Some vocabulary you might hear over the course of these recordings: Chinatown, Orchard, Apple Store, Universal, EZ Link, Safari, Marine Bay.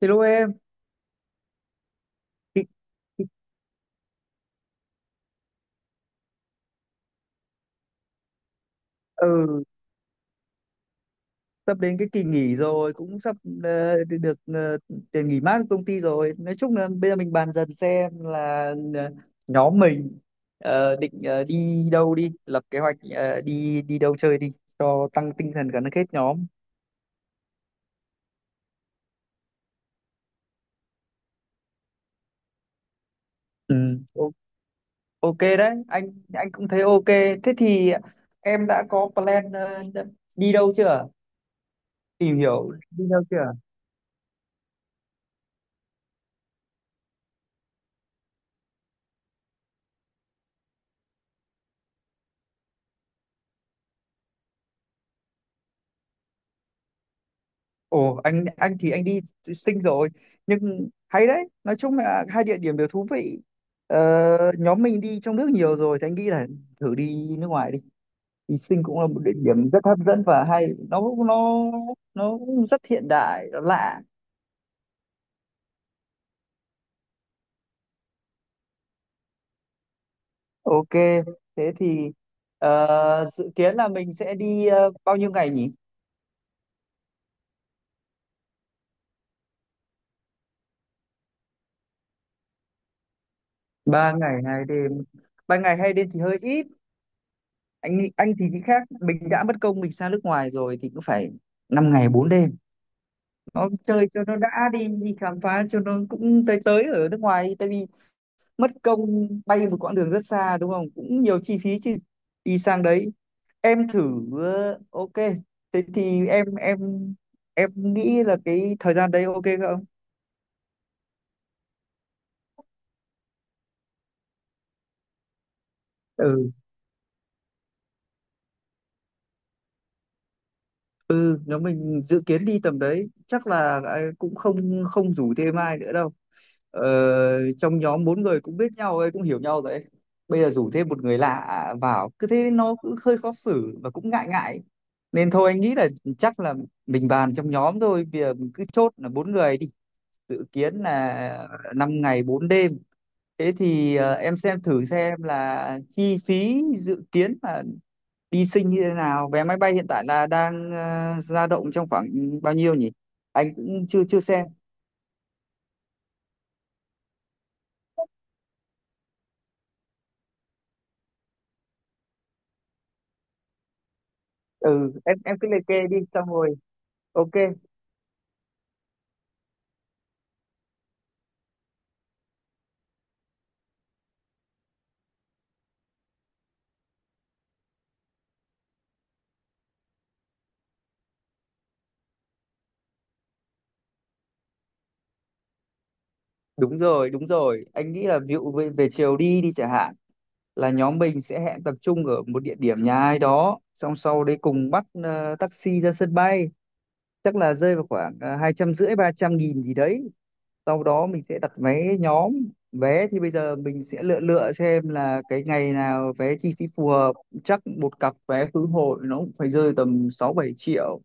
Hello em. Thì- thì- ừ, sắp đến cái kỳ nghỉ rồi, cũng sắp đi được tiền nghỉ mát của công ty rồi. Nói chung là bây giờ mình bàn dần xem là ờ, nhóm mình định đi đâu đi, lập kế hoạch đi đi đâu chơi đi, cho tăng tinh thần gắn kết nhóm. Ừ, o- ok đấy, anh cũng thấy ok. Thế thì em đã có plan đi đâu chưa? Tìm hiểu đi đâu chưa? Ồ, anh thì anh đi sinh rồi, nhưng hay đấy, nói chung là hai địa điểm đều thú vị. Nhóm mình đi trong nước nhiều rồi thì anh nghĩ là thử đi nước ngoài đi, đi sinh cũng là một địa điểm rất hấp dẫn và hay. Nó nó nó rất hiện đại, nó lạ. Ok, thế thì dự kiến là mình sẽ đi bao nhiêu ngày nhỉ? 3 ngày 2 đêm. 3 ngày 2 đêm thì hơi ít. Anh thì nghĩ khác, mình đã mất công mình sang nước ngoài rồi thì cũng phải 5 ngày 4 đêm. Nó chơi cho nó đã, đi đi khám phá cho nó, cũng tới tới ở nước ngoài đi. Tại vì mất công bay một quãng đường rất xa đúng không, cũng nhiều chi phí chứ đi sang đấy. Em thử ok, thế thì em nghĩ là cái thời gian đấy ok không? Ừ, ừ, nếu mình dự kiến đi tầm đấy chắc là cũng không không rủ thêm ai nữa đâu. Ờ, trong nhóm bốn người cũng biết nhau ấy, cũng hiểu nhau rồi ấy. Bây giờ rủ thêm một người lạ vào cứ thế nó cũng hơi khó xử và cũng ngại ngại, nên thôi anh nghĩ là chắc là mình bàn trong nhóm thôi, bây giờ mình cứ chốt là bốn người đi, dự kiến là 5 ngày 4 đêm. Thế thì em xem thử xem là chi phí dự kiến là đi sinh như thế nào, vé máy bay hiện tại là đang dao động trong khoảng bao nhiêu nhỉ? Anh cũng chưa chưa xem. Ừ, em cứ liệt kê đi, xong rồi ok. Đúng rồi, đúng rồi. Anh nghĩ là ví dụ về chiều đi đi chẳng hạn, là nhóm mình sẽ hẹn tập trung ở một địa điểm nhà ai đó, xong sau đấy cùng bắt taxi ra sân bay, chắc là rơi vào khoảng 250-300 nghìn gì đấy. Sau đó mình sẽ đặt vé nhóm. Vé thì bây giờ mình sẽ lựa lựa xem là cái ngày nào vé chi phí phù hợp. Chắc một cặp vé khứ hồi nó cũng phải rơi tầm 6-7 triệu.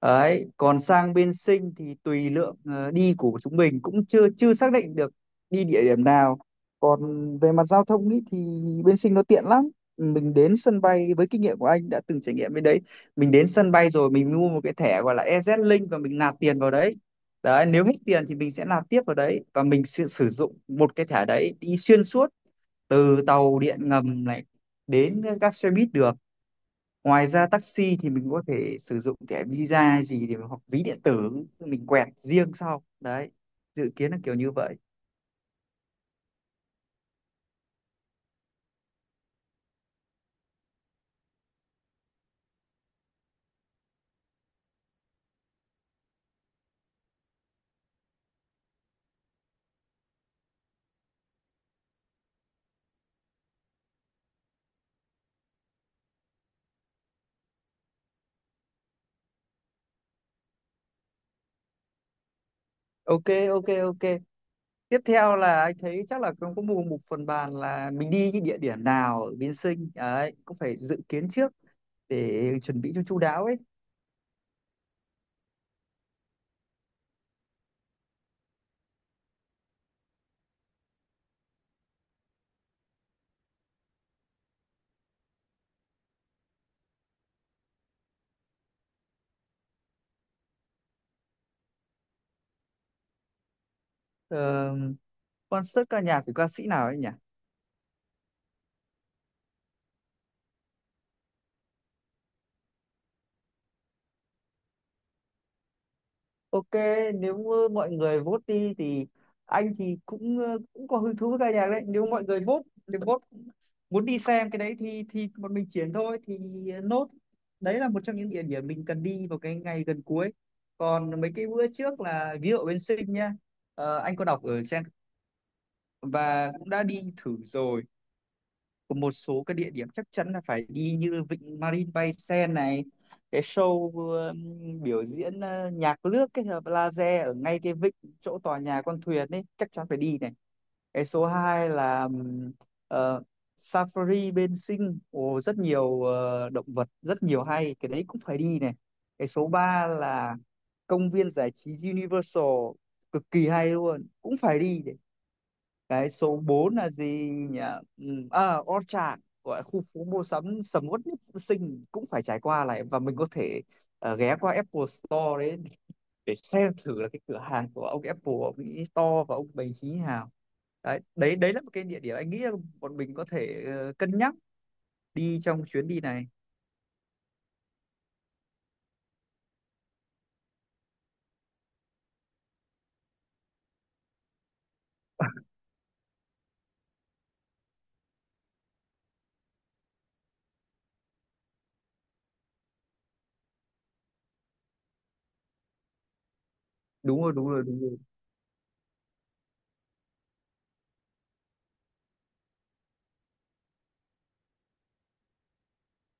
Đấy, còn sang bên Sinh thì tùy lượng đi của chúng mình cũng chưa chưa xác định được đi địa điểm nào. Còn về mặt giao thông ý, thì bên Sinh nó tiện lắm. Mình đến sân bay, với kinh nghiệm của anh đã từng trải nghiệm bên đấy. Mình đến sân bay rồi mình mua một cái thẻ gọi là EZ Link và mình nạp tiền vào đấy. Đấy, nếu hết tiền thì mình sẽ nạp tiếp vào đấy và mình sẽ sử dụng một cái thẻ đấy đi xuyên suốt từ tàu điện ngầm này đến các xe buýt đường. Ngoài ra taxi thì mình có thể sử dụng thẻ Visa hay gì để, hoặc ví điện tử mình quẹt riêng sau. Đấy, dự kiến là kiểu như vậy. Ok, ok, ok. Tiếp theo là anh thấy chắc là cũng có một một phần bàn là mình đi những địa điểm nào ở Biên Sinh đấy, cũng phải dự kiến trước để chuẩn bị cho chu đáo ấy. Ờ, concert ca nhạc của ca sĩ nào ấy nhỉ? Ok, nếu mọi người vote đi thì anh thì cũng cũng có hứng thú với ca nhạc đấy. Nếu mọi người vote, nếu vote muốn đi xem cái đấy thì bọn mình chuyển thôi thì nốt. Đấy là một trong những địa điểm mình cần đi vào cái ngày gần cuối. Còn mấy cái bữa trước là ví dụ bên Sinh nha. Ờ, anh có đọc ở trang và cũng đã đi thử rồi của một số cái địa điểm chắc chắn là phải đi, như Vịnh Marine Bay Sen này, cái show biểu diễn nhạc nước kết hợp laser ở ngay cái vịnh chỗ tòa nhà con thuyền ấy chắc chắn phải đi này. Cái số 2 là ờ, Safari bên Sing, ồ, rất nhiều động vật, rất nhiều, hay, cái đấy cũng phải đi này. Cái số 3 là công viên giải trí Universal cực kỳ hay luôn, cũng phải đi. Cái số 4 là gì nhỉ? Ừ, à, Orchard, gọi là khu phố mua sắm sầm uất nhất sinh, cũng phải trải qua lại, và mình có thể ghé qua Apple Store đấy để xem thử là cái cửa hàng của ông Apple, ông ấy to và ông bày trí nào. Đấy, đấy là một cái địa điểm anh nghĩ là bọn mình có thể cân nhắc đi trong chuyến đi này. Đúng rồi, đúng rồi, đúng rồi.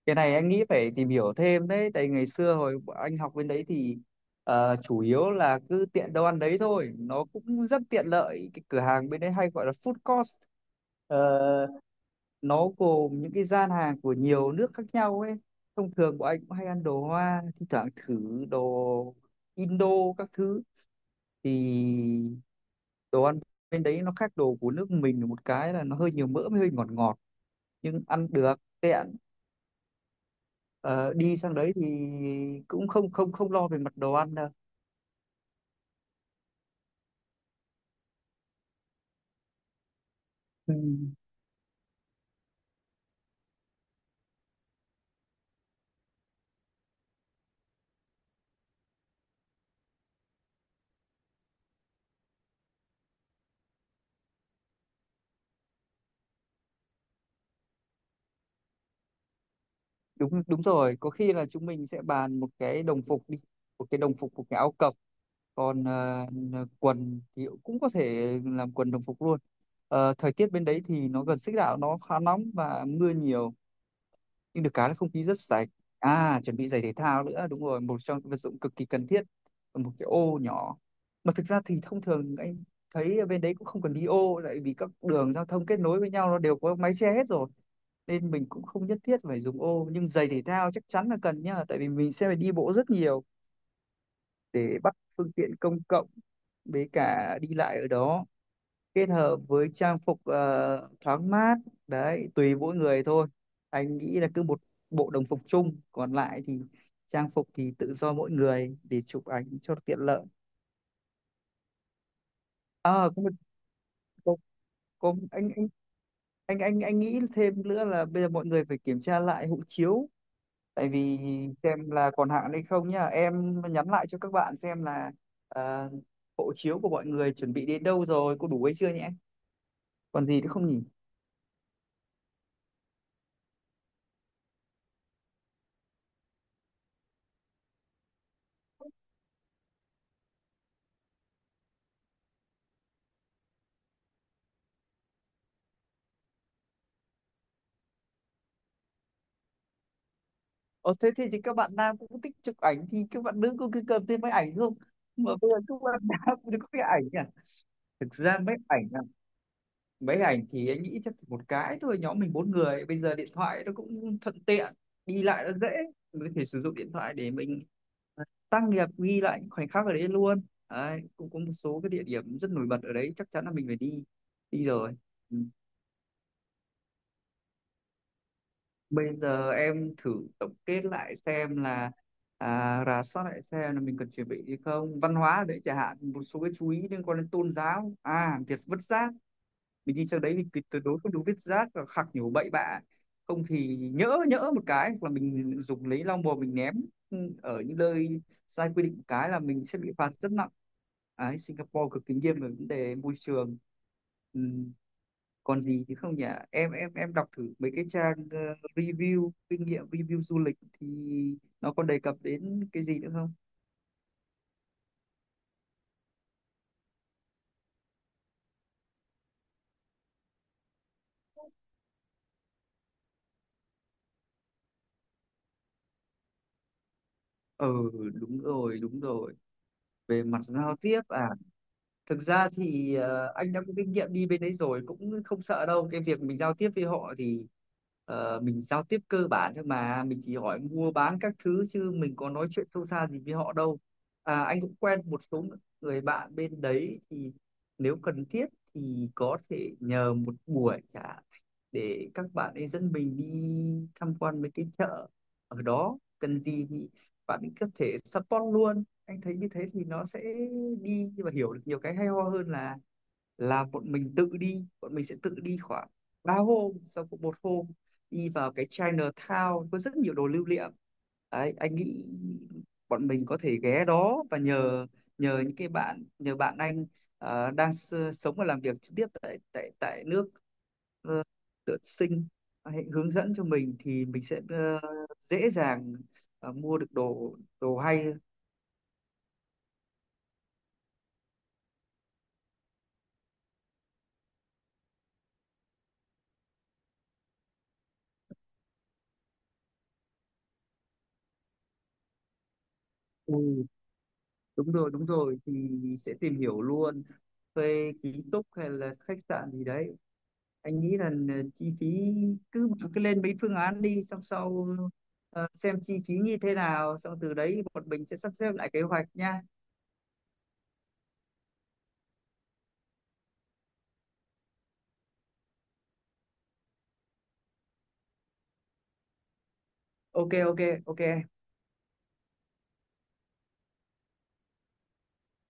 Cái này anh nghĩ phải tìm hiểu thêm đấy, tại ngày xưa hồi bọn anh học bên đấy thì chủ yếu là cứ tiện đâu ăn đấy thôi, nó cũng rất tiện lợi, cái cửa hàng bên đấy hay gọi là food court. Ờ, nó gồm những cái gian hàng của nhiều nước khác nhau ấy, thông thường bọn anh cũng hay ăn đồ Hoa, thi thoảng thử đồ Indo các thứ. Thì đồ ăn bên đấy nó khác đồ của nước mình một cái là nó hơi nhiều mỡ với hơi ngọt ngọt, nhưng ăn được, tiện. Ờ, đi sang đấy thì cũng không không không lo về mặt đồ ăn đâu. Ừ, đúng đúng rồi, có khi là chúng mình sẽ bàn một cái đồng phục đi, một cái đồng phục, một cái áo cộc. Còn quần thì cũng có thể làm quần đồng phục luôn. Ờ, thời tiết bên đấy thì nó gần xích đạo, nó khá nóng và mưa nhiều, nhưng được cái là không khí rất sạch. À, chuẩn bị giày thể thao nữa, đúng rồi, một trong những vật dụng cực kỳ cần thiết là một cái ô nhỏ, mà thực ra thì thông thường anh thấy ở bên đấy cũng không cần đi ô, lại vì các đường giao thông kết nối với nhau nó đều có mái che hết rồi nên mình cũng không nhất thiết phải dùng ô, nhưng giày thể thao chắc chắn là cần nhá, tại vì mình sẽ phải đi bộ rất nhiều để bắt phương tiện công cộng với cả đi lại ở đó, kết hợp với trang phục thoáng mát. Đấy, tùy mỗi người thôi, anh nghĩ là cứ một bộ đồng phục chung, còn lại thì trang phục thì tự do mỗi người để chụp ảnh cho tiện lợi. À, có một, có, có anh nghĩ thêm nữa là bây giờ mọi người phải kiểm tra lại hộ chiếu, tại vì xem là còn hạn hay không nhá, em nhắn lại cho các bạn xem là ờ, hộ chiếu của mọi người chuẩn bị đến đâu rồi, có đủ hay chưa nhé. Còn gì nữa không nhỉ? Ờ, thế thì, các bạn nam cũng thích chụp ảnh thì các bạn nữ cũng cứ cầm thêm máy ảnh không? Mà bây giờ các bạn nam thì có cái ảnh à? Thực ra mấy ảnh à, mấy ảnh thì anh nghĩ chắc chỉ một cái thôi, nhóm mình bốn người, bây giờ điện thoại nó cũng thuận tiện, đi lại nó dễ, mình có thể sử dụng điện thoại để mình tác nghiệp ghi lại những khoảnh khắc ở đấy luôn. Đấy, cũng có một số cái địa điểm rất nổi bật ở đấy chắc chắn là mình phải đi đi rồi. Ừ. Bây giờ em thử tổng kết lại xem là, à, rà soát lại xem là mình cần chuẩn bị gì không, văn hóa ở đấy chẳng hạn, một số cái chú ý liên quan đến tôn giáo, à, việc vứt rác. Mình đi sang đấy mình tuyệt tuyệt đối không được vứt rác và khạc nhổ bậy bạ, không thì nhỡ nhỡ một cái, hoặc là mình dùng lấy lau bùa mình ném ở những nơi sai quy định một cái là mình sẽ bị phạt rất nặng. Đấy, Singapore cực kỳ nghiêm về vấn đề môi trường. Ừ, còn gì chứ không nhỉ? Em đọc thử mấy cái trang review kinh nghiệm, review du lịch thì nó còn đề cập đến cái gì nữa không? Ừ, đúng rồi, đúng rồi. Về mặt giao tiếp à, thực ra thì anh đã có kinh nghiệm đi bên đấy rồi, cũng không sợ đâu cái việc mình giao tiếp với họ, thì mình giao tiếp cơ bản thôi mà, mình chỉ hỏi mua bán các thứ chứ mình có nói chuyện sâu xa gì với họ đâu. À, anh cũng quen một số người bạn bên đấy, thì nếu cần thiết thì có thể nhờ một buổi cả để các bạn ấy dẫn mình đi tham quan mấy cái chợ ở đó, cần gì thì bạn ấy có thể support luôn. Anh thấy như thế thì nó sẽ đi và hiểu được nhiều cái hay ho hơn là bọn mình tự đi. Bọn mình sẽ tự đi khoảng 3 hôm sau, cũng một hôm đi vào cái Chinatown có rất nhiều đồ lưu niệm, đấy anh nghĩ bọn mình có thể ghé đó và nhờ, nhờ những cái bạn, nhờ bạn anh đang sống và làm việc trực tiếp tại tại tại nước ờ, tự sinh, hãy hướng dẫn cho mình thì mình sẽ dễ dàng mua được đồ đồ hay. Ừ, đúng rồi, đúng rồi, thì sẽ tìm hiểu luôn về ký túc hay là khách sạn gì đấy, anh nghĩ là chi phí, cứ cứ lên mấy phương án đi, xong sau xem chi phí như thế nào, xong từ đấy bọn mình sẽ sắp xếp lại kế hoạch nha. Ok, ok, ok.